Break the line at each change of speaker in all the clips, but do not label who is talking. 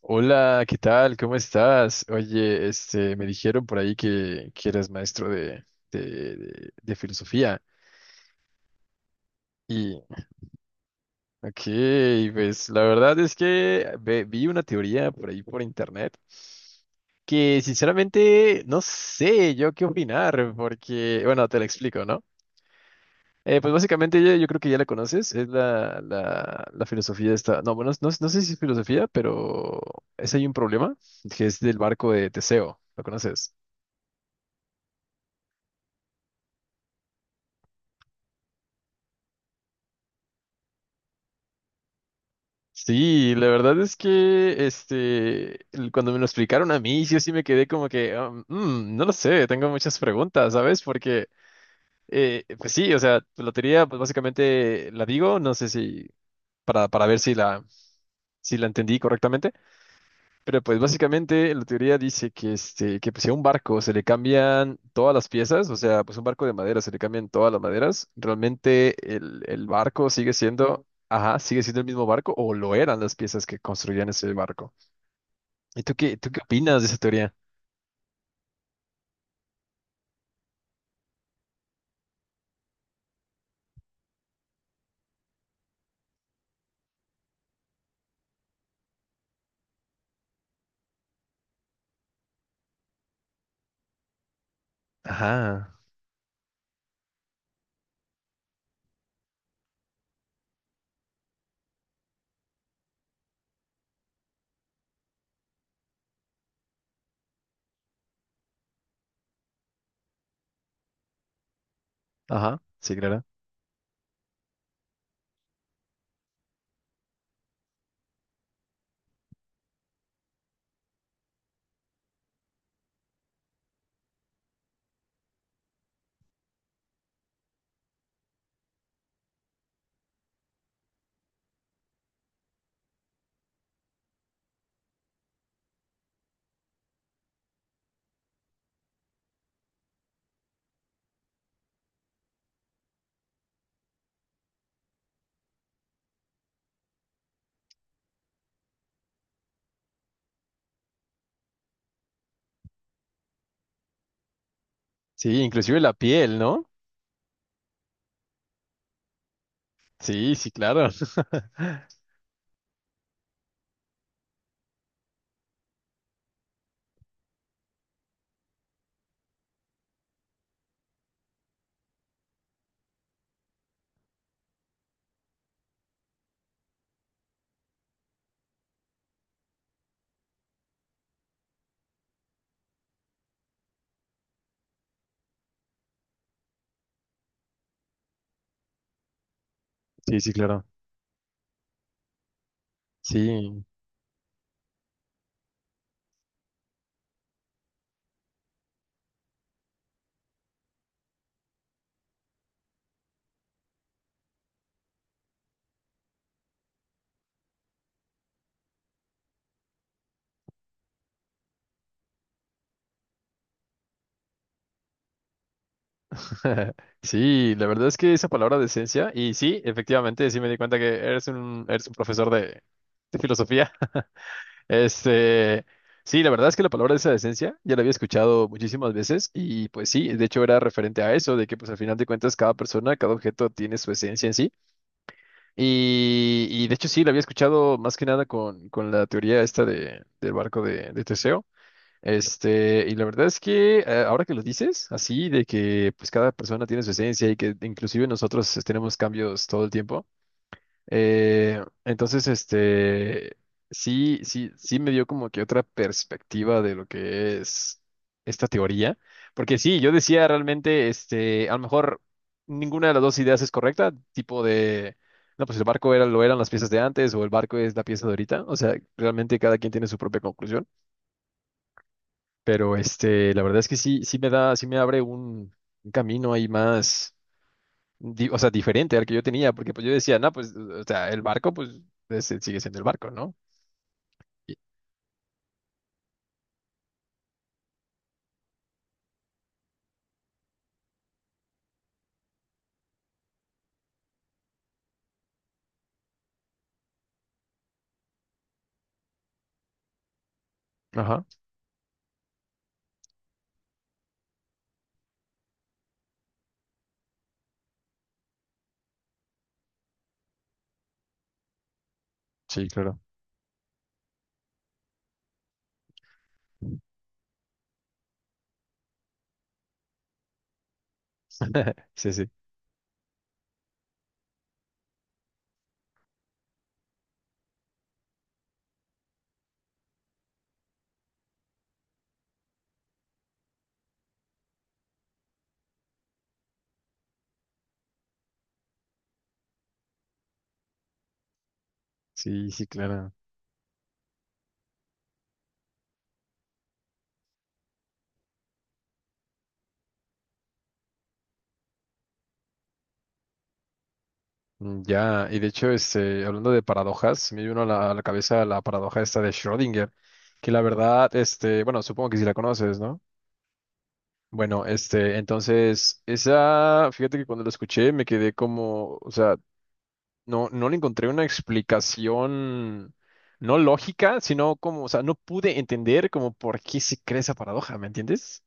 Hola, ¿qué tal? ¿Cómo estás? Oye, este, me dijeron por ahí que eres maestro de, de filosofía. Y, ok, pues la verdad es que vi una teoría por ahí por internet que sinceramente no sé yo qué opinar, porque, bueno, te la explico, ¿no? Pues básicamente yo creo que ya la conoces, es la filosofía esta, no, bueno, no, no sé si es filosofía, pero es ahí un problema, que es del barco de Teseo, ¿lo conoces? Sí, la verdad es que este, cuando me lo explicaron a mí, yo sí me quedé como que, no lo sé, tengo muchas preguntas, ¿sabes? Porque, pues sí, o sea, tu lotería, pues básicamente la digo, no sé si, para ver si la, si la entendí correctamente, pero pues básicamente la teoría dice que, este, que pues, si a un barco se le cambian todas las piezas, o sea, pues un barco de madera se le cambian todas las maderas, realmente el barco sigue siendo, ajá, sigue siendo el mismo barco o lo eran las piezas que construían ese barco. ¿Y tú qué opinas de esa teoría? Ajá, ajá, sí, claro. Sí, inclusive la piel, ¿no? Sí, sí, claro. Sí, sí, claro. Sí. Sí, la verdad es que esa palabra decencia, y sí, efectivamente, sí me di cuenta que eres un profesor de filosofía. Este, sí, la verdad es que la palabra esa decencia ya la había escuchado muchísimas veces y pues sí, de hecho era referente a eso, de que pues al final de cuentas cada persona, cada objeto tiene su esencia en sí. Y de hecho sí, la había escuchado más que nada con, con la teoría esta de, del barco de Teseo. Este, y la verdad es que ahora que lo dices, así de que pues cada persona tiene su esencia y que inclusive nosotros tenemos cambios todo el tiempo, eh, entonces este, sí me dio como que otra perspectiva de lo que es esta teoría, porque sí, yo decía realmente, este, a lo mejor ninguna de las dos ideas es correcta, tipo de, no, pues el barco era, lo eran las piezas de antes o el barco es la pieza de ahorita, o sea, realmente cada quien tiene su propia conclusión. Pero este, la verdad es que sí, sí me da, sí me abre un camino ahí más, o sea, diferente al que yo tenía, porque pues yo decía, no, pues, o sea, el barco, pues, ese sigue siendo el barco, ¿no? Y- Ajá, sí, claro, sí, sí, sí, sí, claro. Mm, ya, y de hecho, este, hablando de paradojas, me vino a a la cabeza la paradoja esta de Schrödinger, que la verdad, este, bueno, supongo que sí la conoces, ¿no? Bueno, este, entonces, esa, fíjate que cuando la escuché me quedé como, o sea, no, no le encontré una explicación, no lógica, sino como, o sea, no pude entender como por qué se crea esa paradoja, ¿me entiendes?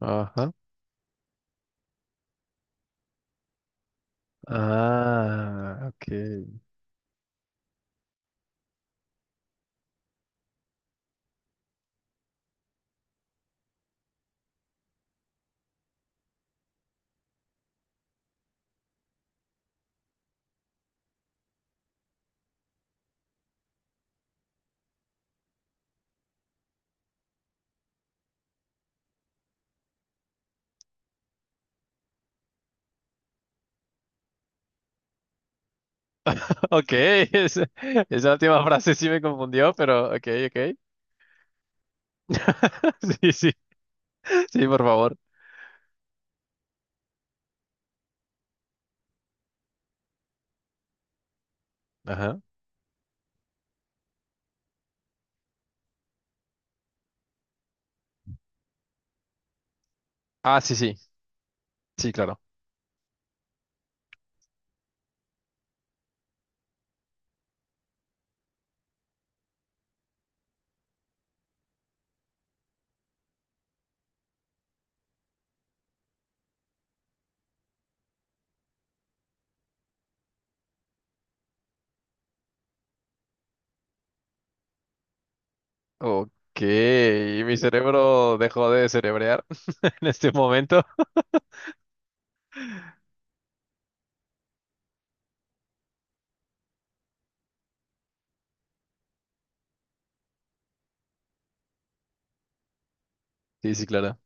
Ajá. Ah, ok. Ok, esa última frase sí me confundió, pero ok, ok. Sí, sí, sí, por favor. Ajá. Ah, sí, sí, sí, claro. Ok, mi cerebro dejó de cerebrear en este momento. Sí, sí, claro.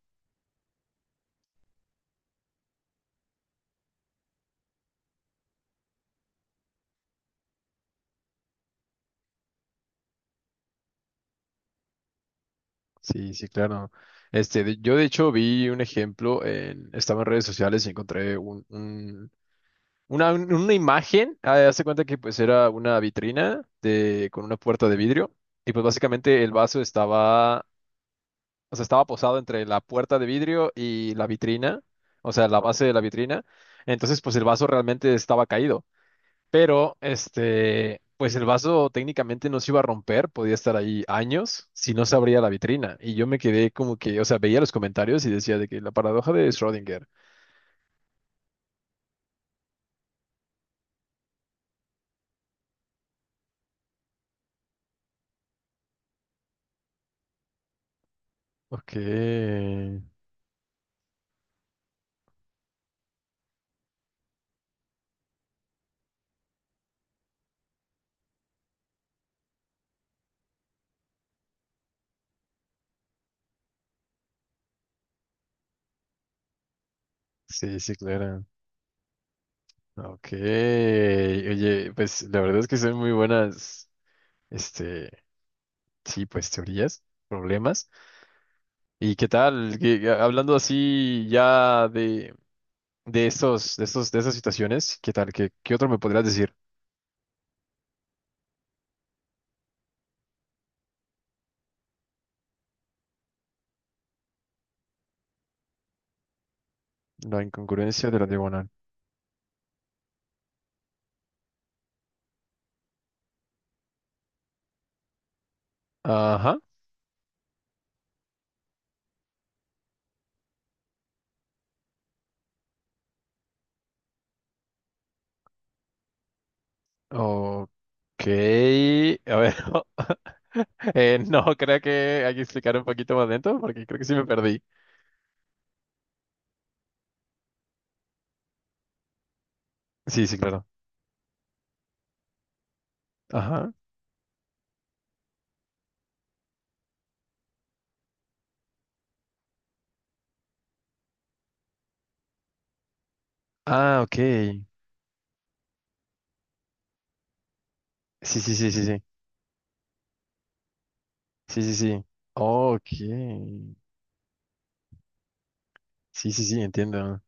Sí, sí, claro. Este, yo de hecho vi un ejemplo en, estaba en redes sociales y encontré un, una, una imagen. Ah, hace cuenta que pues era una vitrina de, con una puerta de vidrio. Y pues básicamente el vaso estaba, o sea, estaba posado entre la puerta de vidrio y la vitrina, o sea, la base de la vitrina. Entonces, pues el vaso realmente estaba caído. Pero, este, pues el vaso técnicamente no se iba a romper, podía estar ahí años si no se abría la vitrina. Y yo me quedé como que, o sea, veía los comentarios y decía de que la paradoja de Schrödinger. Ok, sí, sí, claro. Ok, oye, pues la verdad es que son muy buenas, este, sí, pues teorías, problemas. ¿Y qué tal? Que, hablando así ya de, de estos, de esas situaciones, ¿qué tal? ¿Qué, qué otro me podrías decir? La incongruencia de la diagonal. Ajá. Ok. A ver, no, creo que hay que explicar un poquito más dentro porque creo que sí me perdí. Sí, sí, claro. Ajá. Ah, ok. Sí, sí, sí, sí, sí. Sí, sí, sí. Ok. Sí, sí, sí, entiendo.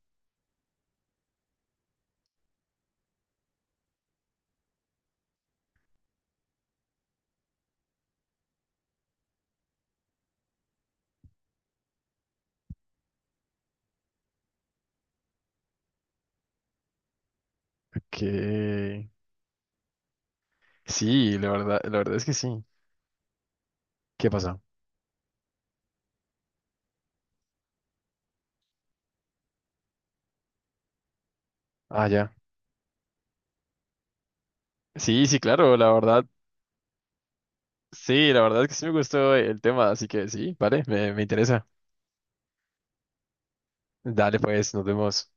Ok. Sí, la verdad es que sí. ¿Qué pasó? Ah, ya. Sí, sí, claro, la verdad. Sí, la verdad es que sí me gustó el tema, así que sí, vale, me interesa. Dale, pues, nos vemos.